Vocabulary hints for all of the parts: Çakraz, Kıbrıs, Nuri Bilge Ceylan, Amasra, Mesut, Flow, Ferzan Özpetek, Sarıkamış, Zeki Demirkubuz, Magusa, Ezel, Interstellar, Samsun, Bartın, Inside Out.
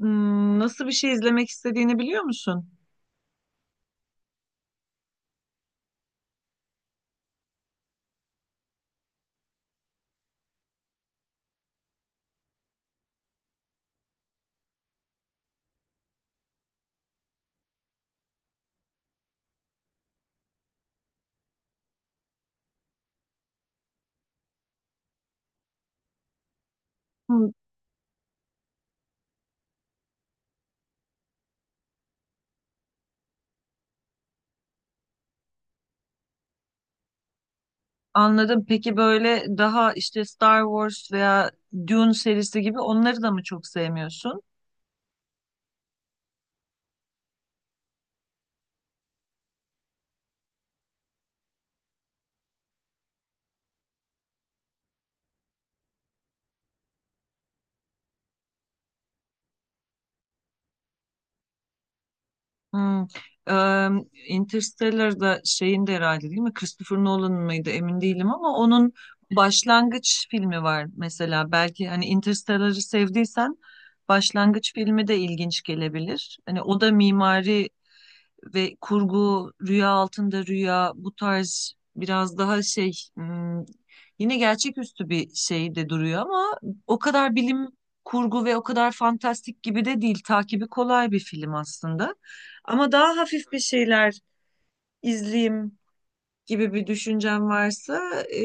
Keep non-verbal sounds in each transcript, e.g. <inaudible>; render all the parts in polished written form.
Nasıl bir şey izlemek istediğini biliyor musun? Hmm, Anladım. Peki böyle daha işte Star Wars veya Dune serisi gibi onları da mı çok sevmiyorsun? Hmm. Eee Interstellar'da şeyin de herhalde değil mi? Christopher Nolan'ın mıydı? Emin değilim ama onun başlangıç filmi var mesela. Belki hani Interstellar'ı sevdiysen başlangıç filmi de ilginç gelebilir. Hani o da mimari ve kurgu, rüya altında rüya bu tarz biraz daha yine gerçeküstü bir şey de duruyor ama o kadar bilim kurgu ve o kadar fantastik gibi de değil. Takibi kolay bir film aslında. Ama daha hafif bir şeyler izleyeyim gibi bir düşüncem varsa e,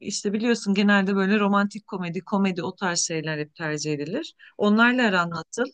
işte biliyorsun genelde böyle romantik komedi, komedi o tarz şeyler hep tercih edilir. Onlarla aran nasıl?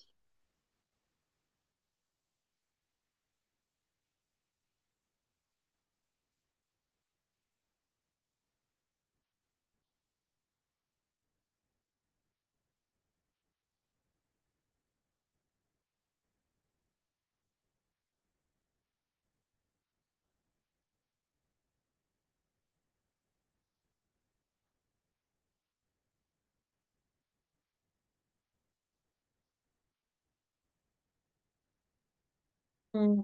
Hmm.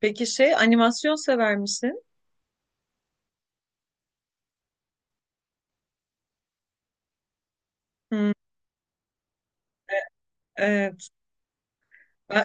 Peki şey animasyon sever misin? Hmm. Ee, Ben-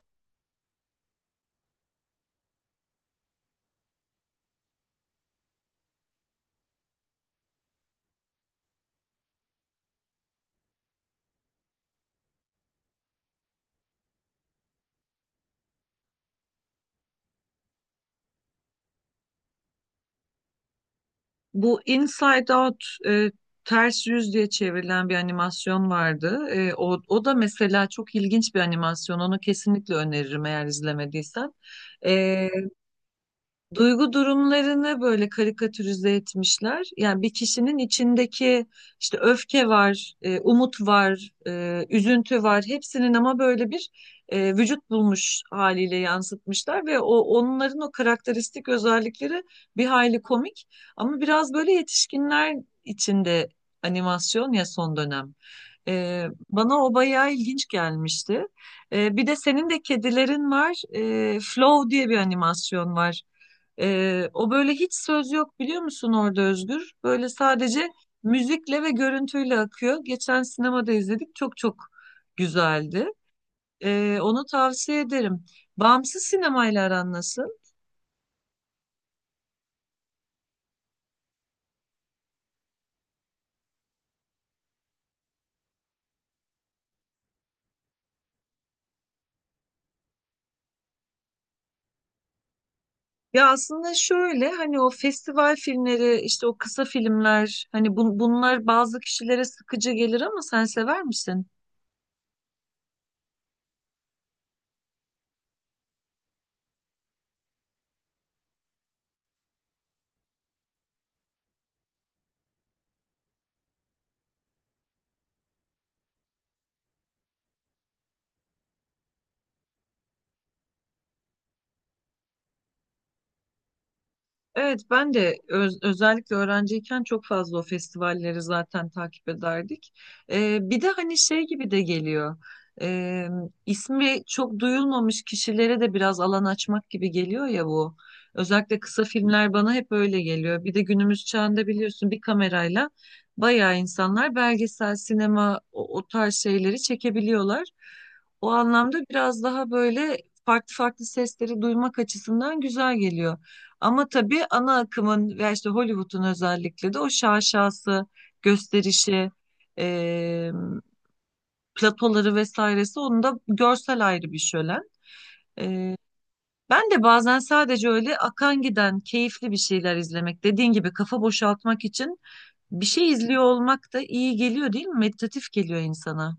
Bu Inside Out ters yüz diye çevrilen bir animasyon vardı. O da mesela çok ilginç bir animasyon. Onu kesinlikle öneririm eğer izlemediysen. E, Duygu durumlarını böyle karikatürize etmişler. Yani bir kişinin içindeki işte öfke var, umut var, üzüntü var. Hepsinin ama böyle bir vücut bulmuş haliyle yansıtmışlar ve o onların o karakteristik özellikleri bir hayli komik ama biraz böyle yetişkinler içinde animasyon ya son dönem. E, Bana o bayağı ilginç gelmişti. E, bir de senin de kedilerin var. E, Flow diye bir animasyon var. O böyle hiç söz yok biliyor musun orada Özgür? Böyle sadece müzikle ve görüntüyle akıyor. Geçen sinemada izledik. Çok çok güzeldi. Onu tavsiye ederim. Bağımsız sinemayla aran nasıl? Ya aslında şöyle hani o festival filmleri işte o kısa filmler bunlar bazı kişilere sıkıcı gelir ama sen sever misin? Evet ben de özellikle öğrenciyken çok fazla o festivalleri zaten takip ederdik. Bir de hani şey gibi de geliyor. Ee, ismi çok duyulmamış kişilere de biraz alan açmak gibi geliyor ya bu. Özellikle kısa filmler bana hep öyle geliyor. Bir de günümüz çağında biliyorsun bir kamerayla bayağı insanlar belgesel, sinema o tarz şeyleri çekebiliyorlar. O anlamda biraz daha böyle farklı farklı sesleri duymak açısından güzel geliyor. Ama tabii ana akımın ve işte Hollywood'un özellikle de o şaşası, gösterişi, e, platoları vesairesi onun da görsel ayrı bir şölen. E, Ben de bazen sadece öyle akan giden keyifli bir şeyler izlemek, dediğin gibi kafa boşaltmak için bir şey izliyor olmak da iyi geliyor değil mi? Meditatif geliyor insana.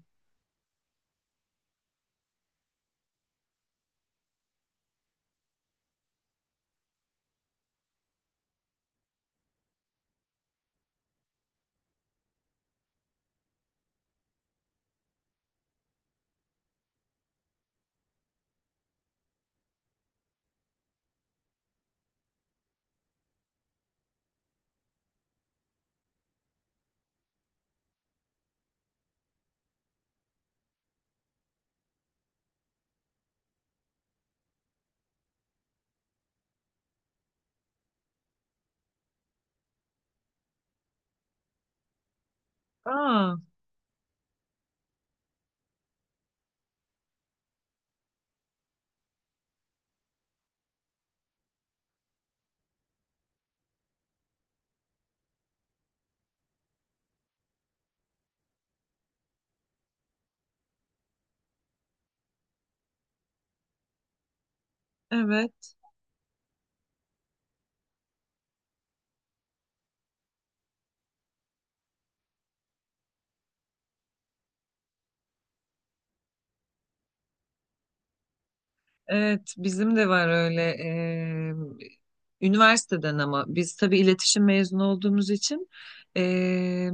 Aa, evet. Evet, bizim de var öyle. Üniversiteden ama biz tabii iletişim mezunu olduğumuz için eee,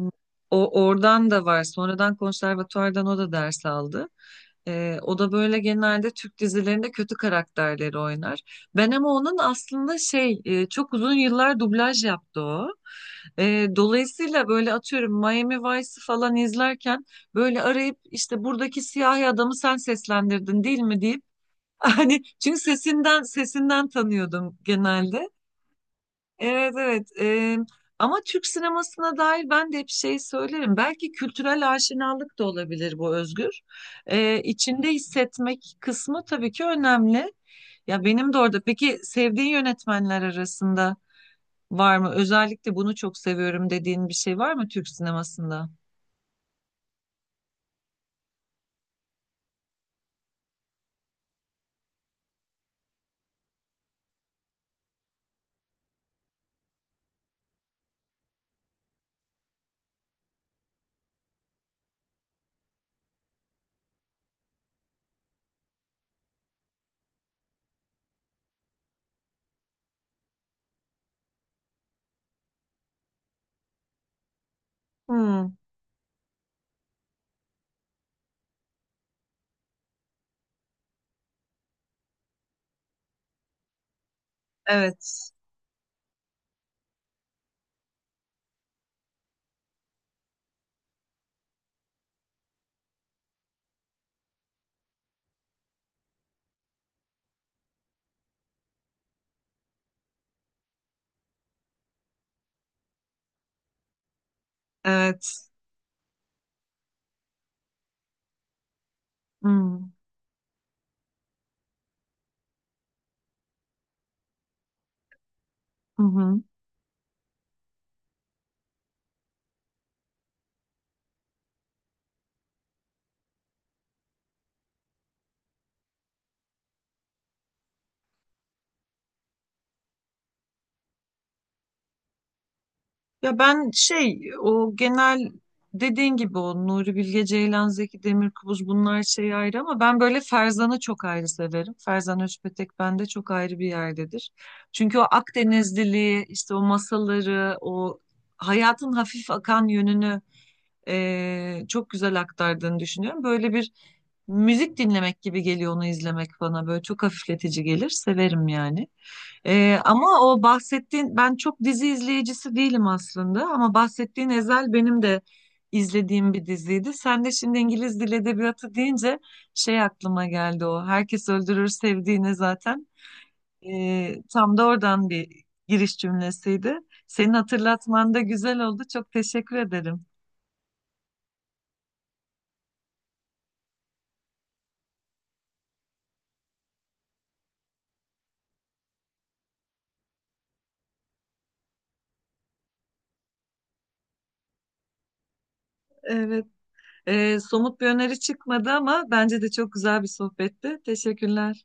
o oradan da var. Sonradan konservatuvardan o da ders aldı. O da böyle genelde Türk dizilerinde kötü karakterleri oynar. Ben ama onun aslında çok uzun yıllar dublaj yaptı o. Dolayısıyla böyle atıyorum Miami Vice'ı falan izlerken böyle arayıp işte buradaki siyahi adamı sen seslendirdin değil mi deyip <laughs> Hani çünkü sesinden tanıyordum genelde. Evet evet. Ama Türk sinemasına dair ben de hep şey söylerim. Belki kültürel aşinalık da olabilir bu Özgür. İçinde hissetmek kısmı tabii ki önemli. Ya benim de orada. Peki sevdiğin yönetmenler arasında var mı? Özellikle bunu çok seviyorum dediğin bir şey var mı Türk sinemasında? Hmm, evet. Evet. Hmm. Hı hı. Ya ben şey o genel dediğin gibi o Nuri Bilge Ceylan, Zeki Demirkubuz bunlar şey ayrı ama ben böyle Ferzan'ı çok ayrı severim. Ferzan Özpetek bende çok ayrı bir yerdedir. Çünkü o Akdenizliliği işte o masalları o hayatın hafif akan yönünü çok güzel aktardığını düşünüyorum. Böyle bir müzik dinlemek gibi geliyor onu izlemek bana böyle çok hafifletici gelir severim yani. Ama o bahsettiğin ben çok dizi izleyicisi değilim aslında ama bahsettiğin Ezel benim de izlediğim bir diziydi. Sen de şimdi İngiliz Dil Edebiyatı deyince şey aklıma geldi o. Herkes öldürür sevdiğini zaten. Tam da oradan bir giriş cümlesiydi. Senin hatırlatman da güzel oldu. Çok teşekkür ederim. Evet. Somut bir öneri çıkmadı ama bence de çok güzel bir sohbetti. Teşekkürler.